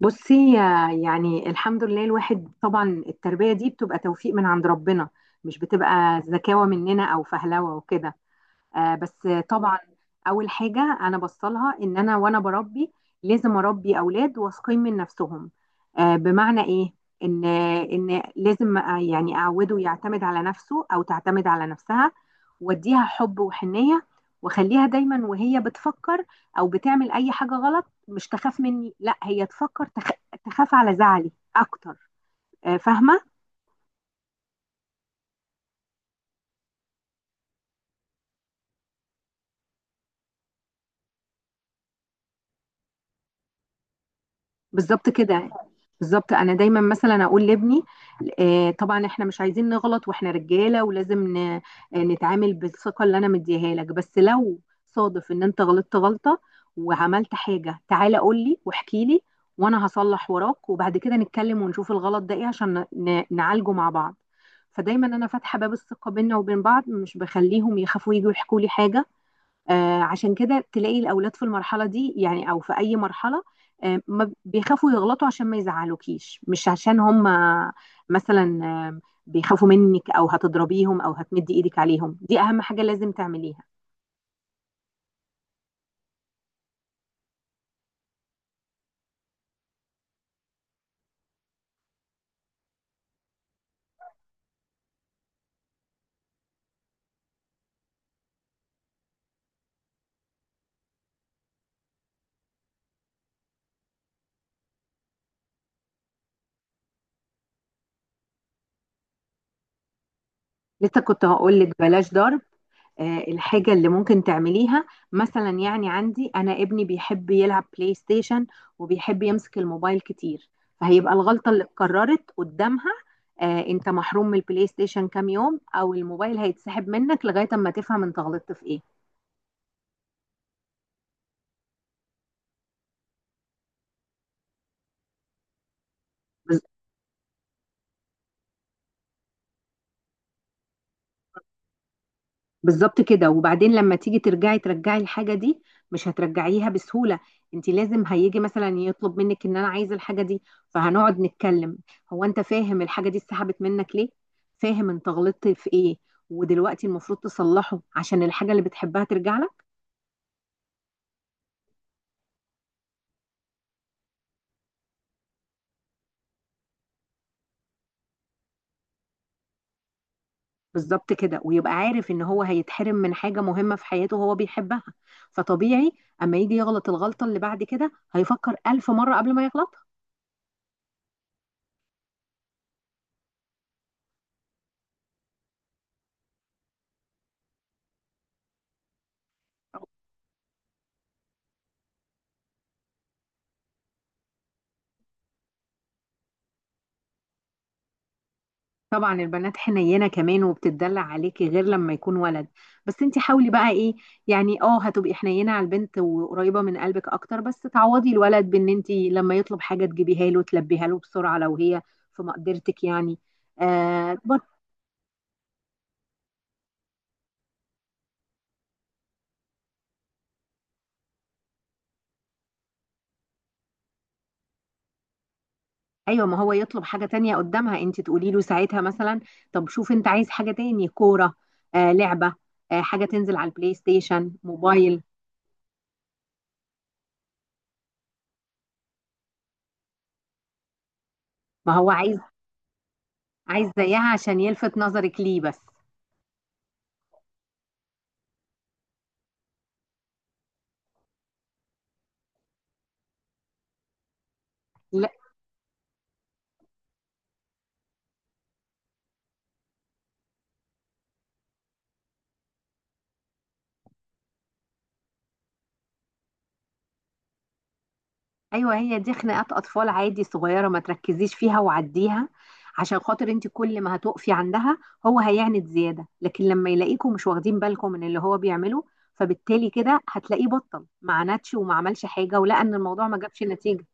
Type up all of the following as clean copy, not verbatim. بصي يعني الحمد لله، الواحد طبعا التربية دي بتبقى توفيق من عند ربنا، مش بتبقى زكاوة مننا أو فهلوة وكده. آه، بس. طبعا، اول حاجه انا بصلها ان انا وانا بربي لازم اربي اولاد واثقين من نفسهم. بمعنى ايه؟ ان لازم يعني اعوده يعتمد على نفسه او تعتمد على نفسها، واديها حب وحنيه، واخليها دايما وهي بتفكر او بتعمل اي حاجه غلط مش تخاف مني، لا هي تفكر تخاف على زعلي اكتر. آه، فاهمه. بالظبط كده يعني. بالظبط انا دايما مثلا اقول لابني طبعا احنا مش عايزين نغلط واحنا رجاله، ولازم نتعامل بالثقه اللي انا مديها لك. بس لو صادف ان انت غلطت غلطه وعملت حاجه، تعالى قول لي واحكي لي، وانا هصلح وراك وبعد كده نتكلم ونشوف الغلط ده ايه عشان نعالجه مع بعض. فدايما انا فاتحه باب الثقه بيننا وبين بعض، مش بخليهم يخافوا يجوا يحكوا لي حاجه. عشان كده تلاقي الأولاد في المرحلة دي يعني أو في أي مرحلة ما بيخافوا يغلطوا عشان ما يزعلوكيش، مش عشان هم مثلا بيخافوا منك أو هتضربيهم أو هتمدي إيدك عليهم. دي أهم حاجة لازم تعمليها. لسه كنت هقول لك بلاش ضرب. الحاجة اللي ممكن تعمليها مثلا، يعني عندي أنا ابني بيحب يلعب بلاي ستيشن وبيحب يمسك الموبايل كتير، فهيبقى الغلطة اللي اتكررت قدامها أنت محروم من البلاي ستيشن كام يوم، أو الموبايل هيتسحب منك لغاية أما تفهم أنت غلطت في إيه. بالظبط كده. وبعدين لما تيجي ترجعي الحاجة دي مش هترجعيها بسهولة، انت لازم هيجي مثلا يطلب منك ان انا عايز الحاجة دي، فهنقعد نتكلم: هو انت فاهم الحاجة دي اتسحبت منك ليه؟ فاهم انت غلطت في ايه؟ ودلوقتي المفروض تصلحه عشان الحاجة اللي بتحبها ترجع لك. بالظبط كده، ويبقى عارف ان هو هيتحرم من حاجة مهمة في حياته هو بيحبها، فطبيعي اما يجي يغلط الغلطة اللي بعد كده هيفكر ألف مرة قبل ما يغلطها. طبعا البنات حنينه كمان وبتتدلع عليكي غير لما يكون ولد، بس انت حاولي بقى ايه، يعني اه هتبقي حنينه على البنت وقريبه من قلبك اكتر، بس تعوضي الولد بان انت لما يطلب حاجه تجيبيها له، تلبيها له بسرعه لو هي في مقدرتك يعني. آه بر- ايوه، ما هو يطلب حاجه تانية قدامها انت تقولي له ساعتها مثلا: طب شوف انت عايز حاجه تاني، كوره، لعبه، حاجه تنزل على البلاي ستيشن، موبايل. ما هو عايز عايز زيها عشان يلفت نظرك ليه بس. ايوه، هي دي خناقات اطفال عادي صغيره، ما تركزيش فيها وعديها. عشان خاطر انت كل ما هتقفي عندها هو هيعند زياده، لكن لما يلاقيكم مش واخدين بالكم من اللي هو بيعمله، فبالتالي كده هتلاقيه بطل، ما عندش وما عملش حاجه ولقى ان الموضوع ما جابش نتيجه.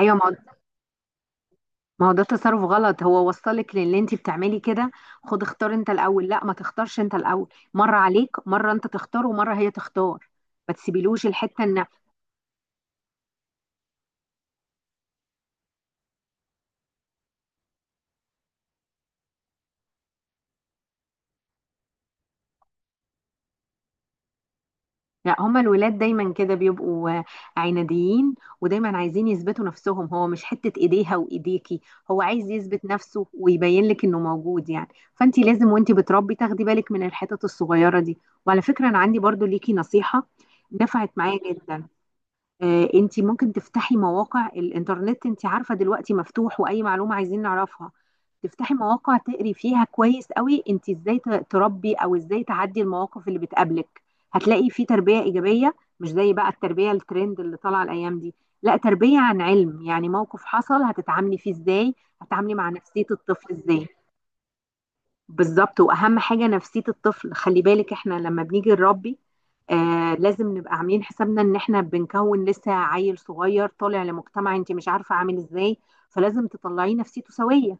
ايوه، ما هو ده تصرف غلط هو وصلك للي انت بتعملي كده. خد، اختار انت الاول، لا، ما تختارش انت الاول. مره عليك، مره انت تختار ومره هي تختار، ما تسيبيلوش الحته ان... لا، هما الولاد دايما كده بيبقوا عناديين، ودايما عايزين يثبتوا نفسهم. هو مش حتة ايديها وايديكي، هو عايز يثبت نفسه ويبين لك انه موجود يعني. فانت لازم وانت بتربي تاخدي بالك من الحتت الصغيرة دي. وعلى فكرة، انا عندي برضو ليكي نصيحة، نفعت معايا جدا. انت ممكن تفتحي مواقع الانترنت، انت عارفه دلوقتي مفتوح واي معلومه عايزين نعرفها، تفتحي مواقع تقري فيها كويس قوي انت ازاي تربي او ازاي تعدي المواقف اللي بتقابلك. هتلاقي في تربيه ايجابيه، مش زي بقى التربيه الترند اللي طالعه الايام دي، لا، تربيه عن علم، يعني موقف حصل هتتعاملي فيه ازاي، هتتعاملي مع نفسيه الطفل ازاي. بالظبط. واهم حاجه نفسيه الطفل، خلي بالك احنا لما بنيجي نربي لازم نبقى عاملين حسابنا ان احنا بنكون لسه عيل صغير طالع لمجتمع انت مش عارفه عامل ازاي، فلازم تطلعيه نفسيته سويه.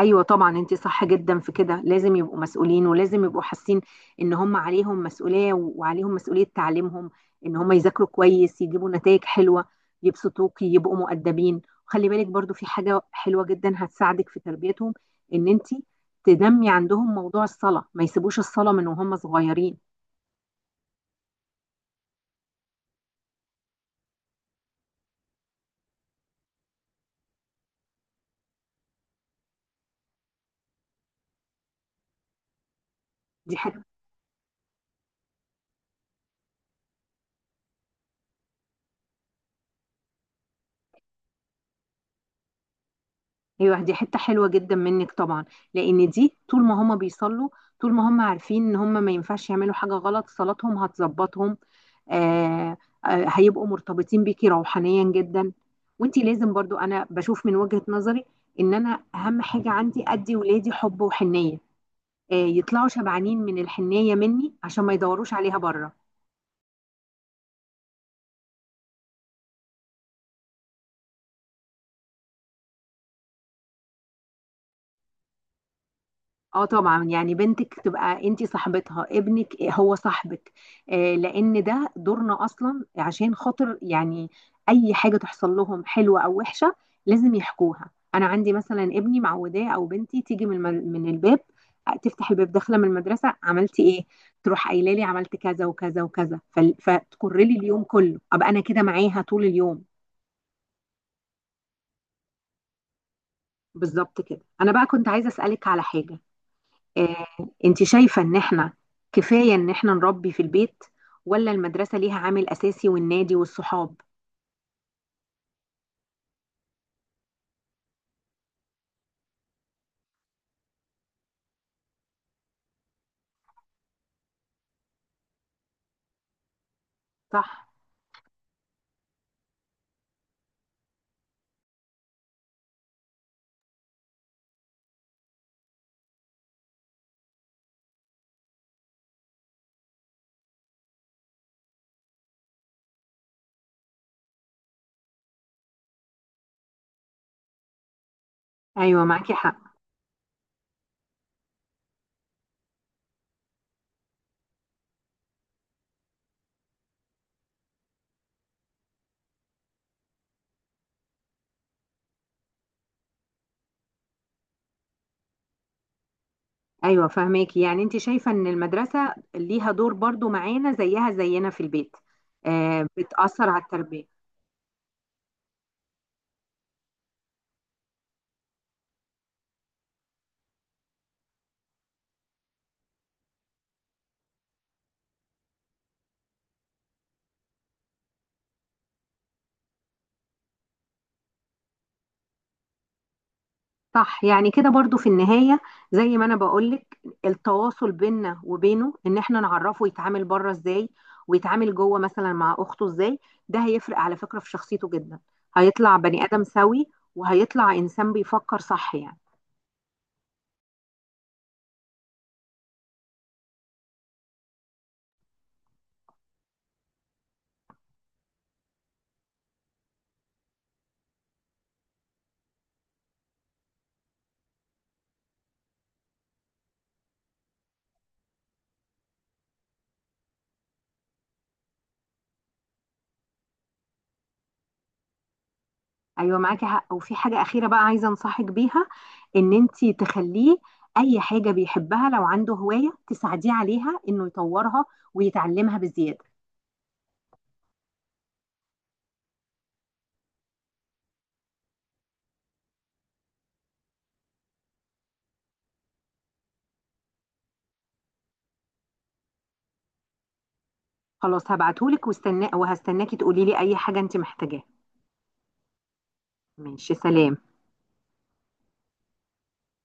ايوه طبعا، انت صح جدا في كده، لازم يبقوا مسؤولين ولازم يبقوا حاسين ان هم عليهم مسؤوليه، وعليهم مسؤوليه تعليمهم، ان هم يذاكروا كويس، يجيبوا نتائج حلوه، يبسطوك، يبقوا مؤدبين. خلي بالك برضو في حاجه حلوه جدا هتساعدك في تربيتهم، ان انت تنمي عندهم موضوع الصلاه، ما يسيبوش الصلاه من وهم صغيرين. دي حاجه. ايوه دي حته حلوه جدا منك طبعا، لان دي طول ما هم بيصلوا، طول ما هم عارفين ان هم ما ينفعش يعملوا حاجه غلط، صلاتهم هتظبطهم. آه هيبقوا مرتبطين بيكي روحانيا جدا. وانتي لازم برضو، انا بشوف من وجهه نظري ان انا اهم حاجه عندي ادي ولادي حب وحنيه، يطلعوا شبعانين من الحنيه مني عشان ما يدوروش عليها بره. اه طبعا، يعني بنتك تبقى انت صاحبتها، ابنك هو صاحبك، لان ده دورنا اصلا، عشان خاطر يعني اي حاجه تحصل لهم حلوه او وحشه لازم يحكوها. انا عندي مثلا ابني معوداه، او بنتي تيجي من من الباب، تفتح الباب داخله من المدرسه، عملتي ايه؟ تروح قايله لي عملت كذا وكذا وكذا، فتكر لي اليوم كله، ابقى انا كده معاها طول اليوم. بالظبط كده. انا بقى كنت عايزه اسالك على حاجه، آه، انت شايفة ان احنا كفاية ان احنا نربي في البيت، ولا المدرسة ليها عامل اساسي والنادي والصحاب؟ صح. ايوه معاكي حق. ايوه فهماكي، يعني انت شايفة ان المدرسة ليها دور برضو معانا زيها زينا في البيت، بتأثر على التربية. صح، يعني كده برضو في النهاية زي ما أنا بقولك التواصل بيننا وبينه، إن إحنا نعرفه يتعامل بره إزاي ويتعامل جوه مثلا مع أخته إزاي، ده هيفرق على فكرة في شخصيته جدا، هيطلع بني آدم سوي وهيطلع إنسان بيفكر صح يعني. أيوة معاكي حق. وفي حاجة أخيرة بقى عايزة أنصحك بيها، إن أنتي تخليه أي حاجة بيحبها، لو عنده هواية تساعديه عليها إنه يطورها ويتعلمها بزيادة. خلاص، هبعتهولك وهستناكي تقولي لي أي حاجة أنتي محتاجاها. ماشي، سلام.